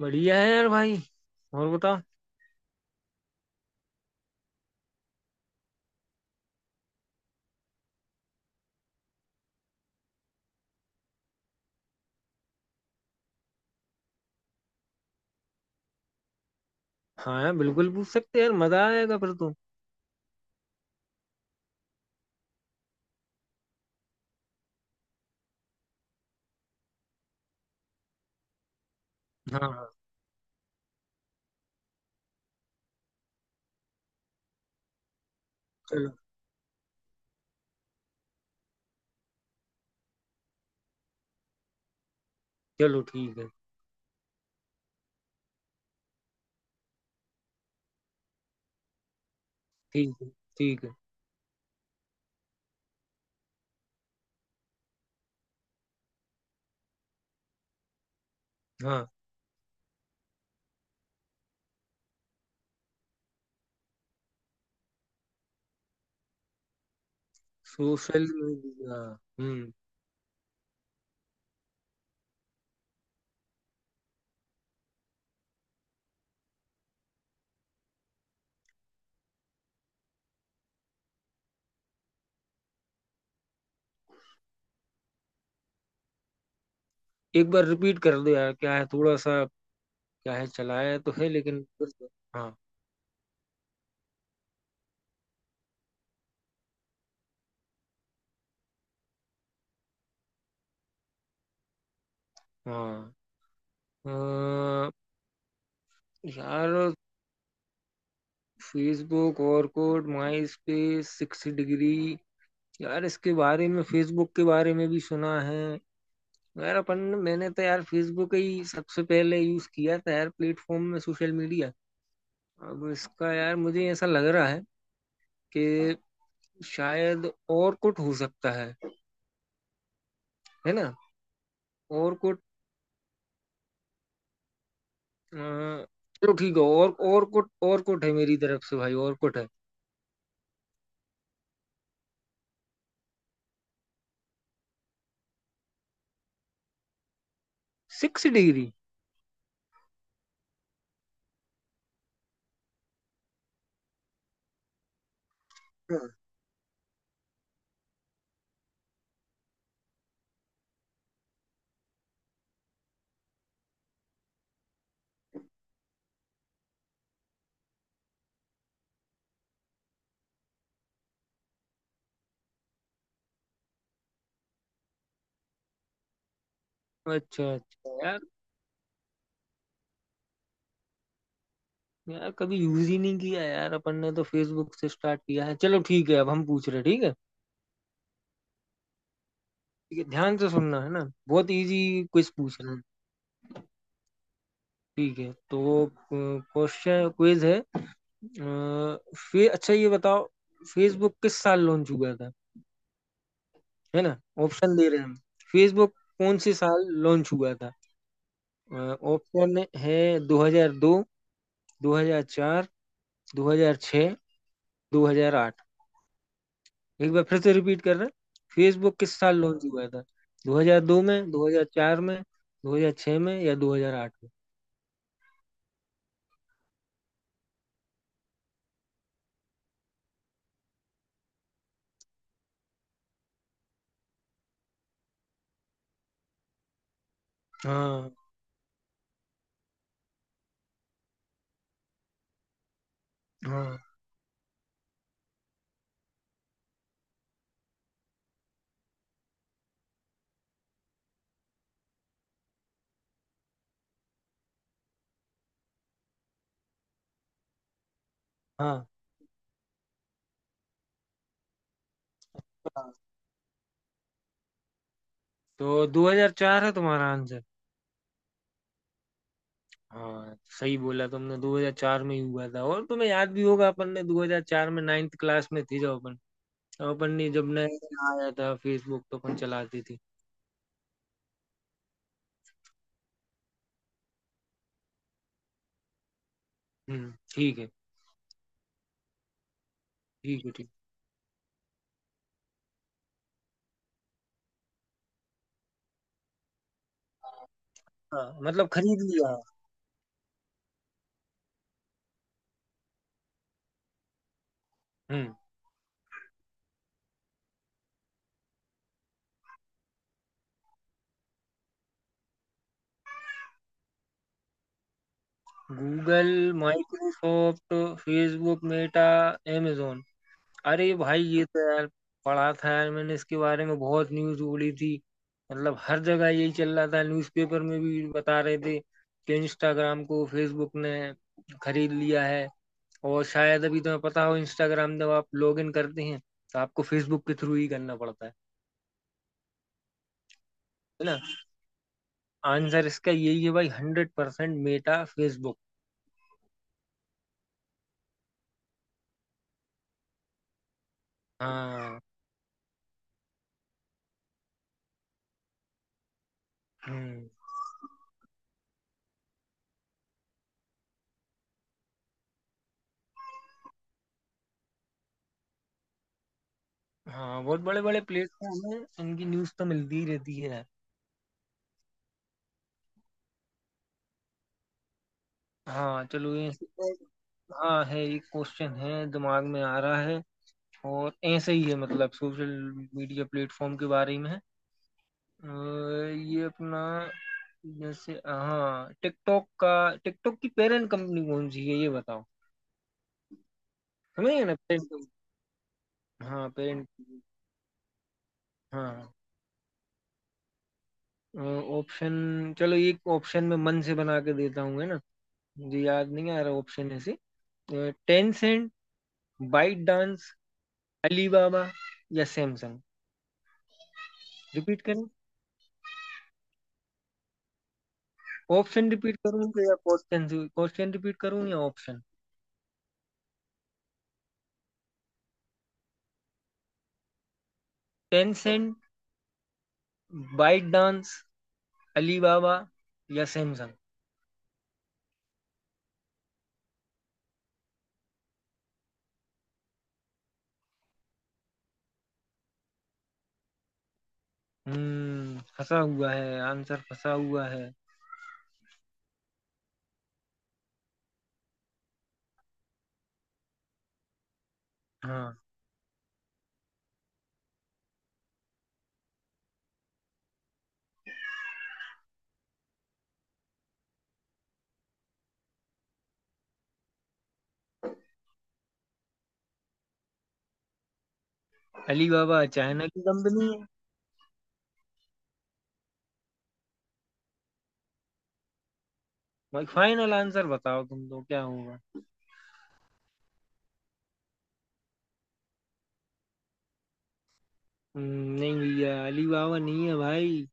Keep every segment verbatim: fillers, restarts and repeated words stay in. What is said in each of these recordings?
बढ़िया है यार भाई। और बता। हाँ यार, बिल्कुल पूछ सकते हैं यार, मजा आएगा फिर तो। हाँ, हाँ। चलो। चलो ठीक है। ठीक है। ठीक है। हाँ। Social media. हम्म। एक बार रिपीट कर दो यार, क्या है थोड़ा सा। क्या है, चलाया तो है लेकिन फिर से- हाँ, हाँ। अ, यार, फेसबुक और कोड माई स्पेस सिक्स डिग्री। यार इसके बारे में, फेसबुक के बारे में भी सुना है। यार अपन। मैंने तो यार फेसबुक ही सबसे पहले यूज किया था यार, प्लेटफॉर्म में सोशल मीडिया। अब इसका यार मुझे ऐसा लग रहा है कि शायद और कुछ हो सकता है। है ना। और कुछ। अ, चलो ठीक है, और और कुछ और कुछ है मेरी तरफ से भाई, और कुछ है। Six degree. हाँ। अच्छा, अच्छा यार। यार कभी यूज ही नहीं किया यार, अपन ने तो फेसबुक से स्टार्ट किया है। चलो ठीक है, अब हम पूछ रहे हैं, ठीक है। ठीक है, ध्यान से सुनना, है ना। बहुत इजी। क्विज पूछ रहे हैं। ठीक है तो। क्वेश्चन क्विज है, अ, फे अच्छा ये बताओ। फेसबुक किस साल लॉन्च हुआ था? है ना? ऑप्शन दे रहे हैं हम। फेसबुक कौन से साल लॉन्च हुआ था? ऑप्शन है। दो हज़ार दो, दो हज़ार चार, दो हज़ार छह, दो हज़ार आठ। एक बार फिर से रिपीट कर रहे हैं। फेसबुक किस साल लॉन्च हुआ था? दो हज़ार दो में, दो हज़ार चार में, दो हज़ार छह में या दो हज़ार आठ में? हाँ, हाँ, हाँ। तो दो हज़ार चार है तुम्हारा आंसर? हाँ, सही बोला तुमने। दो हज़ार चार में ही हुआ था, और तुम्हें याद भी होगा, अपन ने दो हज़ार चार में नाइन्थ क्लास में थी जब अपन। तब अपन ने जब नया आया था फेसबुक तो अपन चलाती थी। हम्म, ठीक है। ठीक है, ठीक। हाँ, मतलब खरीद लिया। हम्म। Google, Microsoft, Facebook, Meta, amazon। अरे भाई ये तो यार, पढ़ा था यार मैंने इसके बारे में, बहुत न्यूज उड़ी थी। मतलब हर जगह यही चल रहा था, न्यूज़पेपर में भी बता रहे थे कि इंस्टाग्राम को फेसबुक ने खरीद लिया है। और शायद अभी तुम्हें पता हो, इंस्टाग्राम जब आप लॉग इन करते हैं तो आपको फेसबुक के थ्रू ही करना पड़ता है। है ना। आंसर इसका यही है भाई, हंड्रेड परसेंट मेटा फेसबुक। हाँ। हम्म। हाँ, बहुत बड़े बड़े प्लेटफॉर्म है, इनकी न्यूज तो मिलती ही रहती है। हाँ, चलो ये। हाँ है, एक क्वेश्चन है दिमाग में आ रहा है। और ऐसे ही है, मतलब सोशल मीडिया प्लेटफॉर्म के बारे में है। अ, ये अपना। जैसे, हाँ, टिकटॉक का। टिकटॉक की पेरेंट कंपनी कौन सी है, ये बताओ। समझ गए ना पेरेंट? हाँ, पेरेंट। हाँ। ऑप्शन। चलो एक ऑप्शन में मन से बना के देता हूँ, है ना। मुझे याद नहीं आ रहा ऑप्शन ऐसे। टेंसेंट, बाइट डांस, अलीबाबा या सैमसंग। रिपीट करें? ऑप्शन रिपीट करूं तो, या क्वेश्चन क्वेश्चन रिपीट करूं या option? Tencent, ByteDance, Alibaba या सैमसंग। हम्म, फंसा हुआ है आंसर, फंसा हुआ है। हाँ। अलीबाबा चाइना की कंपनी है। भाई, फाइनल आंसर बताओ तुम तो क्या होगा? हम्म, नहीं भैया, अलीबाबा नहीं है भाई।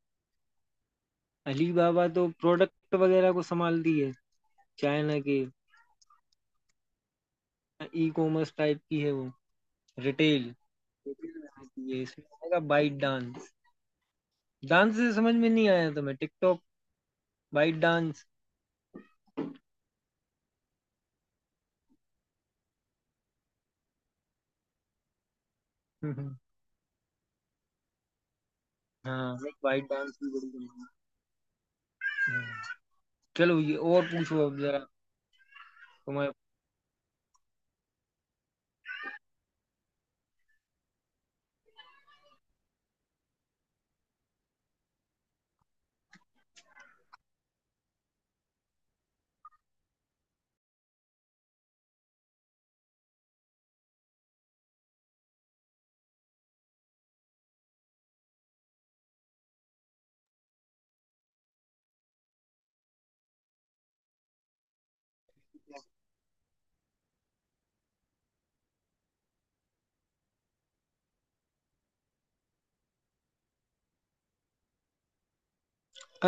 अलीबाबा तो प्रोडक्ट वगैरह को संभालती है। चाइना के। ई कॉमर्स टाइप की है वो। रिटेल बनाती है, इसमें आएगा बाइट डांस। डांस से समझ में नहीं आया तुम्हें, टिकटॉक, वाइट डांस। हाँ, वाइट डांस भी बड़ी गंदी है। चलो, ये और पूछो अब जरा। तुम्हारे।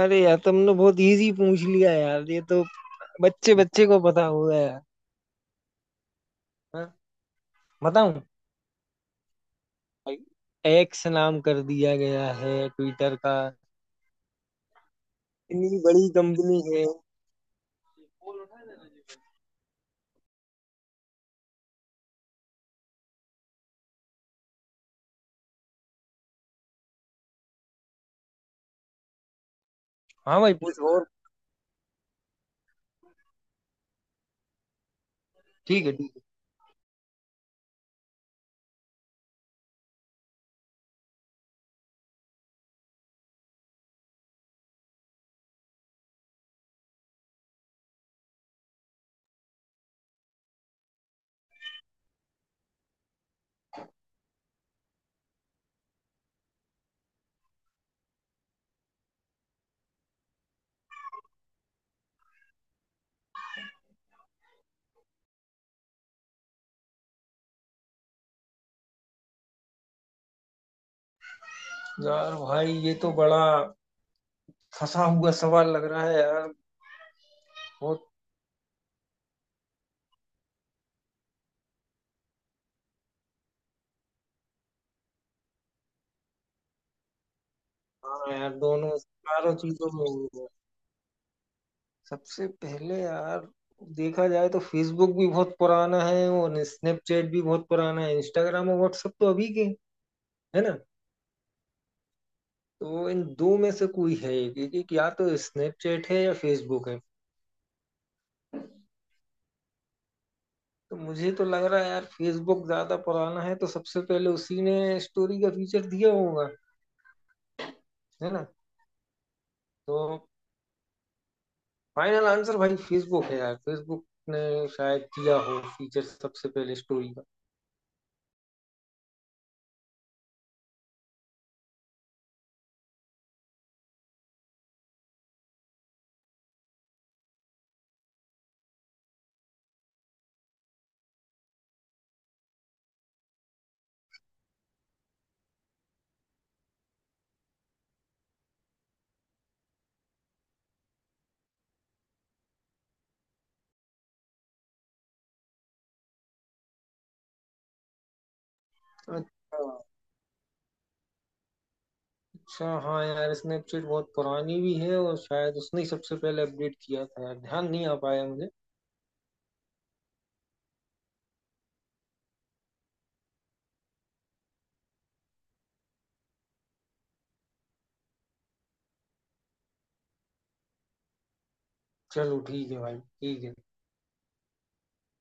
अरे यार तुमने बहुत इजी पूछ लिया यार, ये तो बच्चे बच्चे को पता होगा यार। हाँ। बताऊं? एक्स नाम कर दिया गया है ट्विटर का। इतनी बड़ी कंपनी है। हाँ भाई, पूछ और। ठीक है, ठीक। है यार भाई, ये तो बड़ा फंसा हुआ सवाल लग रहा है यार। बहुत। हाँ यार, दोनों चारों चीजों में ही है। सबसे पहले यार, देखा जाए तो फेसबुक भी बहुत पुराना है और स्नैपचैट भी बहुत पुराना है, इंस्टाग्राम और व्हाट्सएप तो अभी के। है ना। तो इन दो में से कोई है, एक एक- एक, या तो स्नैपचैट है या फेसबुक है। तो मुझे तो लग रहा है यार, फेसबुक ज्यादा पुराना है तो सबसे पहले उसी ने स्टोरी का फीचर दिया होगा। है ना। तो फाइनल आंसर भाई, फेसबुक है यार, फेसबुक ने शायद किया हो फीचर सबसे पहले स्टोरी का। अच्छा। अच्छा हाँ यार, स्नैपचैट बहुत पुरानी भी है और शायद उसने ही सबसे पहले अपडेट किया था यार, ध्यान नहीं आ पाया मुझे। चलो ठीक है भाई, ठीक है।